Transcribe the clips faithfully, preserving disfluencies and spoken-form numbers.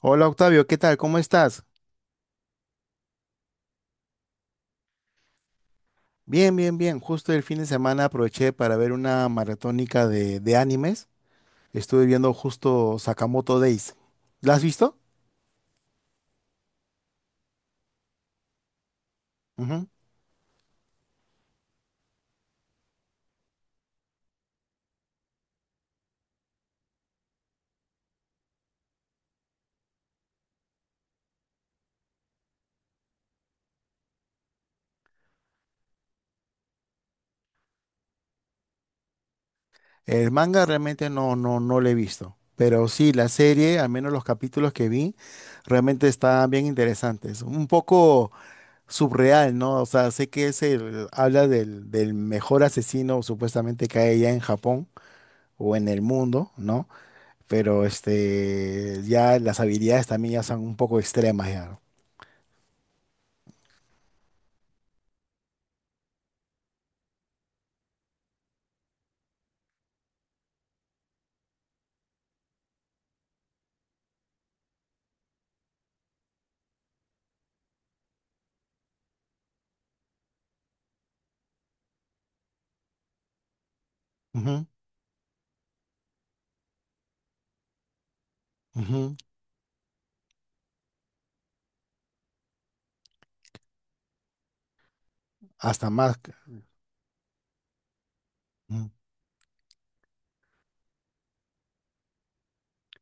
Hola Octavio, ¿qué tal? ¿Cómo estás? Bien, bien, bien. Justo el fin de semana aproveché para ver una maratónica de, de animes. Estuve viendo justo Sakamoto Days. ¿La has visto? Ujú. El manga realmente no, no, no lo he visto. Pero sí, la serie, al menos los capítulos que vi, realmente están bien interesantes. Un poco subreal, ¿no? O sea, sé que es el- habla del, del mejor asesino supuestamente que hay allá en Japón o en el mundo, ¿no? Pero este, ya las habilidades también ya son un poco extremas ya. Ujú, ujú, hasta más. C- ujú.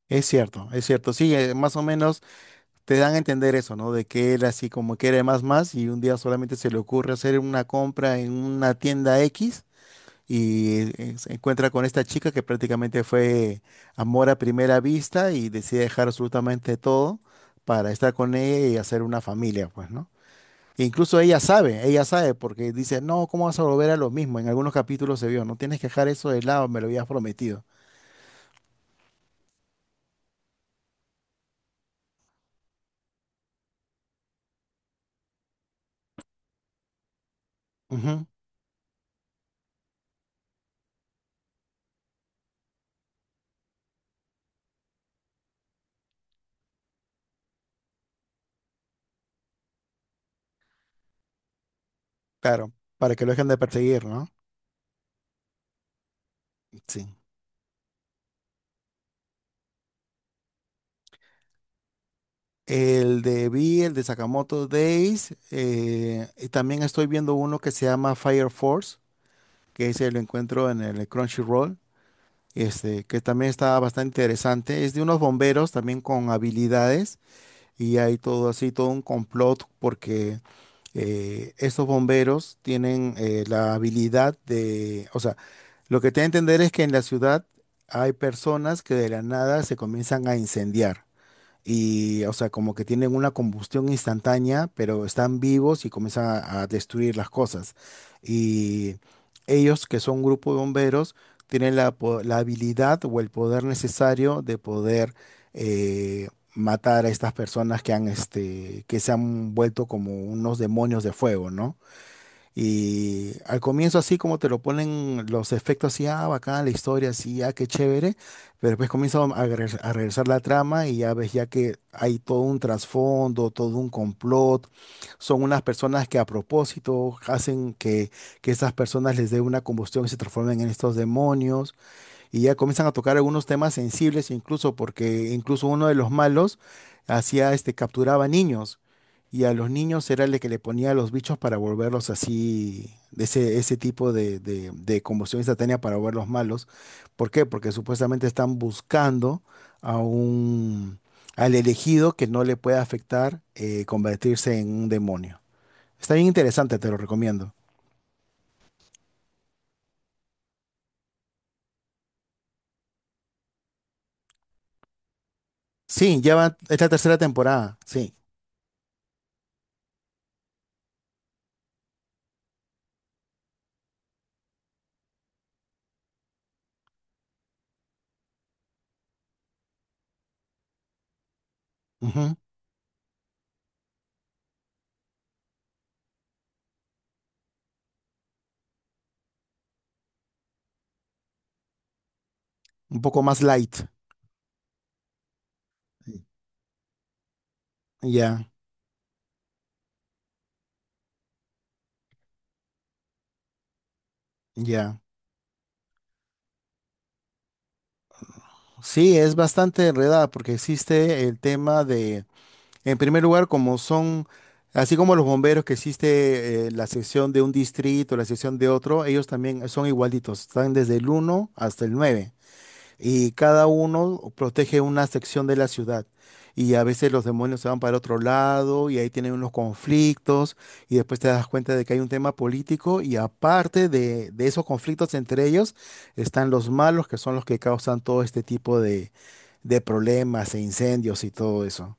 Es cierto, es cierto. Sí, eh, más o menos te dan a entender eso, ¿no? De que él así como quiere más más y un día solamente se le ocurre hacer una compra en una tienda X y eh, se encuentra con esta chica que prácticamente fue amor a primera vista y decide dejar absolutamente todo para estar con ella y hacer una familia, pues, ¿no? Incluso ella sabe, ella sabe, porque dice, no, ¿cómo vas a volver a lo mismo? En algunos capítulos se vio, no tienes que dejar eso de lado, me lo habías prometido. Ujú, claro, para que lo dejen de perseguir, ¿no? Sí. El de Vi, el de Sakamoto Days, eh, y también estoy viendo uno que se llama Fire Force, que ese lo encuentro en el Crunchyroll, este, que también está bastante interesante. Es de unos bomberos también con habilidades, y hay todo así, todo un complot, porque eh, estos bomberos tienen eh, la habilidad de, o sea, lo que te da a entender es que en la ciudad hay personas que de la nada se comienzan a incendiar y, o sea, como que tienen una combustión instantánea, pero están vivos y comienzan a, a, destruir las cosas. Y ellos, que son un grupo de bomberos, tienen la, po- la habilidad o el poder necesario de poder eh, matar a estas personas que han, este, que se han vuelto como unos demonios de fuego, ¿no? Y al comienzo así como te lo ponen los efectos así, ah, bacán, la historia así, ah, qué chévere, pero después comienza a, regres- a regresar la trama y ya ves ya que hay todo un trasfondo, todo un complot, son unas personas que a propósito hacen que, que esas personas les dé una combustión y se transformen en estos demonios y ya comienzan a tocar algunos temas sensibles incluso porque incluso uno de los malos hacía este capturaba niños y a los niños era el que le ponía los bichos para volverlos así de ese ese tipo de de, de, convulsión instantánea para volverlos malos. ¿Por qué? Porque supuestamente están buscando a un al elegido que no le pueda afectar eh, convertirse en un demonio. Está bien interesante, te lo recomiendo. Sí, ya va, es la tercera temporada, sí. Ujú, un poco más light, ya. Ya, sí, es bastante enredada porque existe el tema de, en primer lugar, como son, así como los bomberos que existe eh, la sección de un distrito, la sección de otro, ellos también son igualitos, están desde el uno hasta el nueve. Y cada uno protege una sección de la ciudad. Y a veces los demonios se van para otro lado y ahí tienen unos conflictos y después te das cuenta de que hay un tema político y aparte de, de esos conflictos entre ellos están los malos que son los que causan todo este tipo de, de problemas e incendios y todo eso.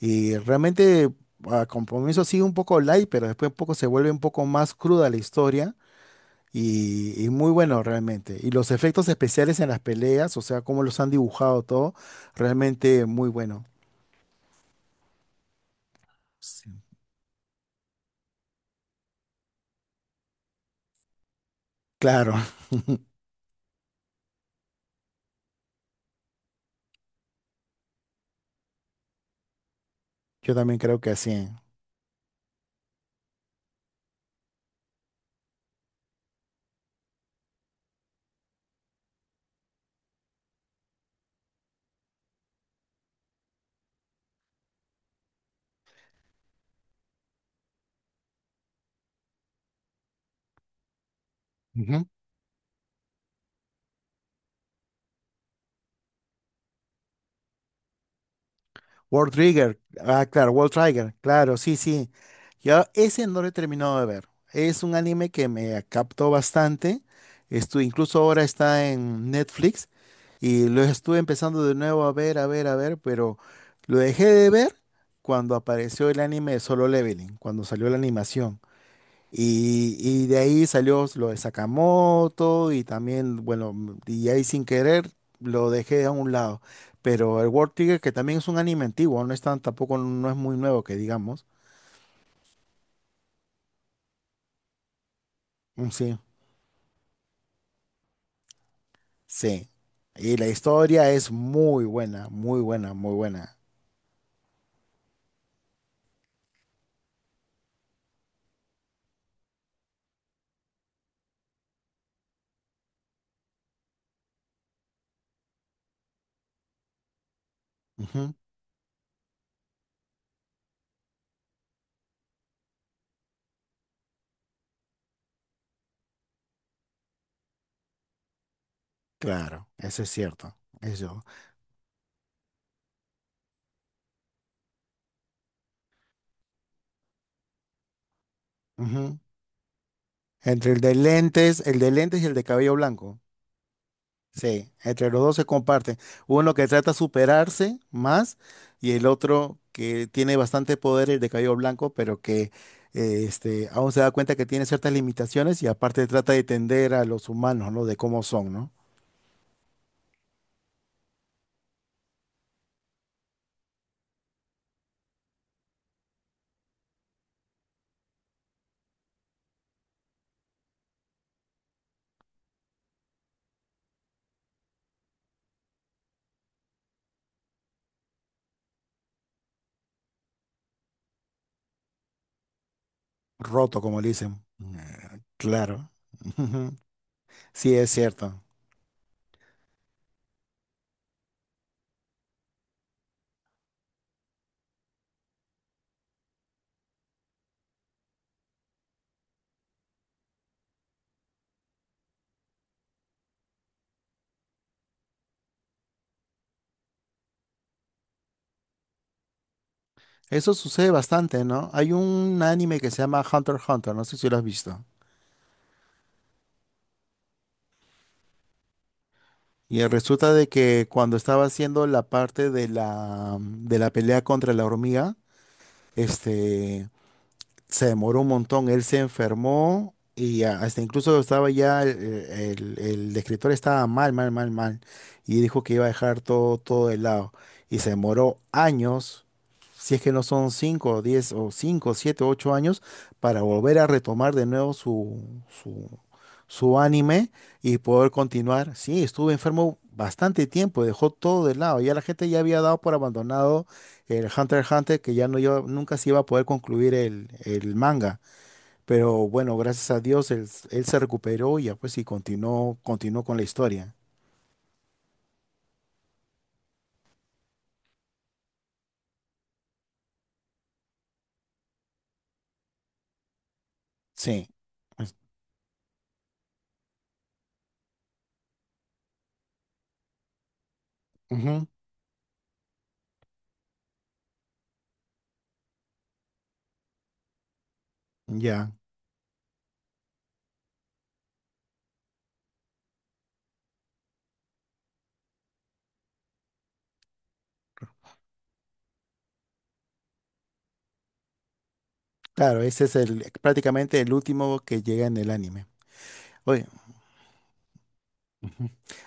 Y realmente a compromiso sigue un poco light, pero después un poco se vuelve un poco más cruda la historia y, y muy bueno realmente. Y los efectos especiales en las peleas, o sea, cómo los han dibujado todo, realmente muy bueno. Sí. Claro, yo también creo que así. Ujú. World Trigger. Ah, claro, World Trigger. Claro, sí, sí. Yo ese no lo he terminado de ver. Es un anime que me captó bastante. Estu- incluso ahora está en Netflix y lo estuve empezando de nuevo a ver, a ver, a ver, pero lo dejé de ver cuando apareció el anime de Solo Leveling, cuando salió la animación. Y, y de ahí salió lo de Sakamoto y también, bueno, m- y ahí sin querer lo dejé a un lado. Pero el World Trigger, que también es un anime antiguo, no es tan, tampoco no es muy nuevo que digamos. Mm, sí, sí. Y la historia es muy buena, muy buena, muy buena. Ujú, claro, eso es cierto. Eso. Ujú. Entre el de lentes, el de lentes y el de cabello blanco. Sí, entre los dos se comparten. Uno que trata de superarse más y el otro que tiene bastante poder, el de cabello blanco, pero que eh, este, aún se da cuenta que tiene ciertas limitaciones y aparte trata de tender a los humanos, ¿no? De cómo son, ¿no? Roto, como le dicen. Eh, Claro. Sí, es cierto. Eso sucede bastante, ¿no? Hay un anime que se llama Hunter x Hunter, no sé si lo has visto. Y resulta de que cuando estaba haciendo la parte de la, de la pelea contra la hormiga, este, se demoró un montón, él se enfermó y a- hasta incluso estaba ya, el, el- el escritor estaba mal, mal, mal, mal, y dijo que iba a dejar todo, todo de lado. Y se demoró años, si es que no son cinco, diez o cinco, siete, ocho años, para volver a retomar de nuevo su, su, su anime y poder continuar. Sí, estuvo enfermo bastante tiempo, dejó todo de lado, ya la gente ya había dado por abandonado el Hunter x Hunter, que ya no iba- nunca se iba a poder concluir el, el manga. Pero bueno, gracias a Dios, él, s- él se recuperó y ya pues y continuó, continuó con la historia. Sí. Es- Ujú, ya. Claro, ese es el prácticamente el último que llega en el anime. Oye,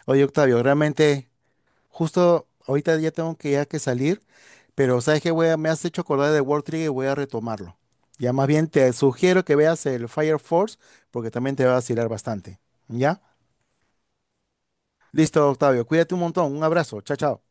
oye, Octavio, realmente, justo ahorita ya tengo que ya que salir, pero sabes que me has hecho acordar de World Trigger y voy a retomarlo. Ya más bien te sugiero que veas el Fire Force porque también te va a vacilar bastante. ¿Ya? Listo, Octavio. Cuídate un montón. Un abrazo. Chao, chao.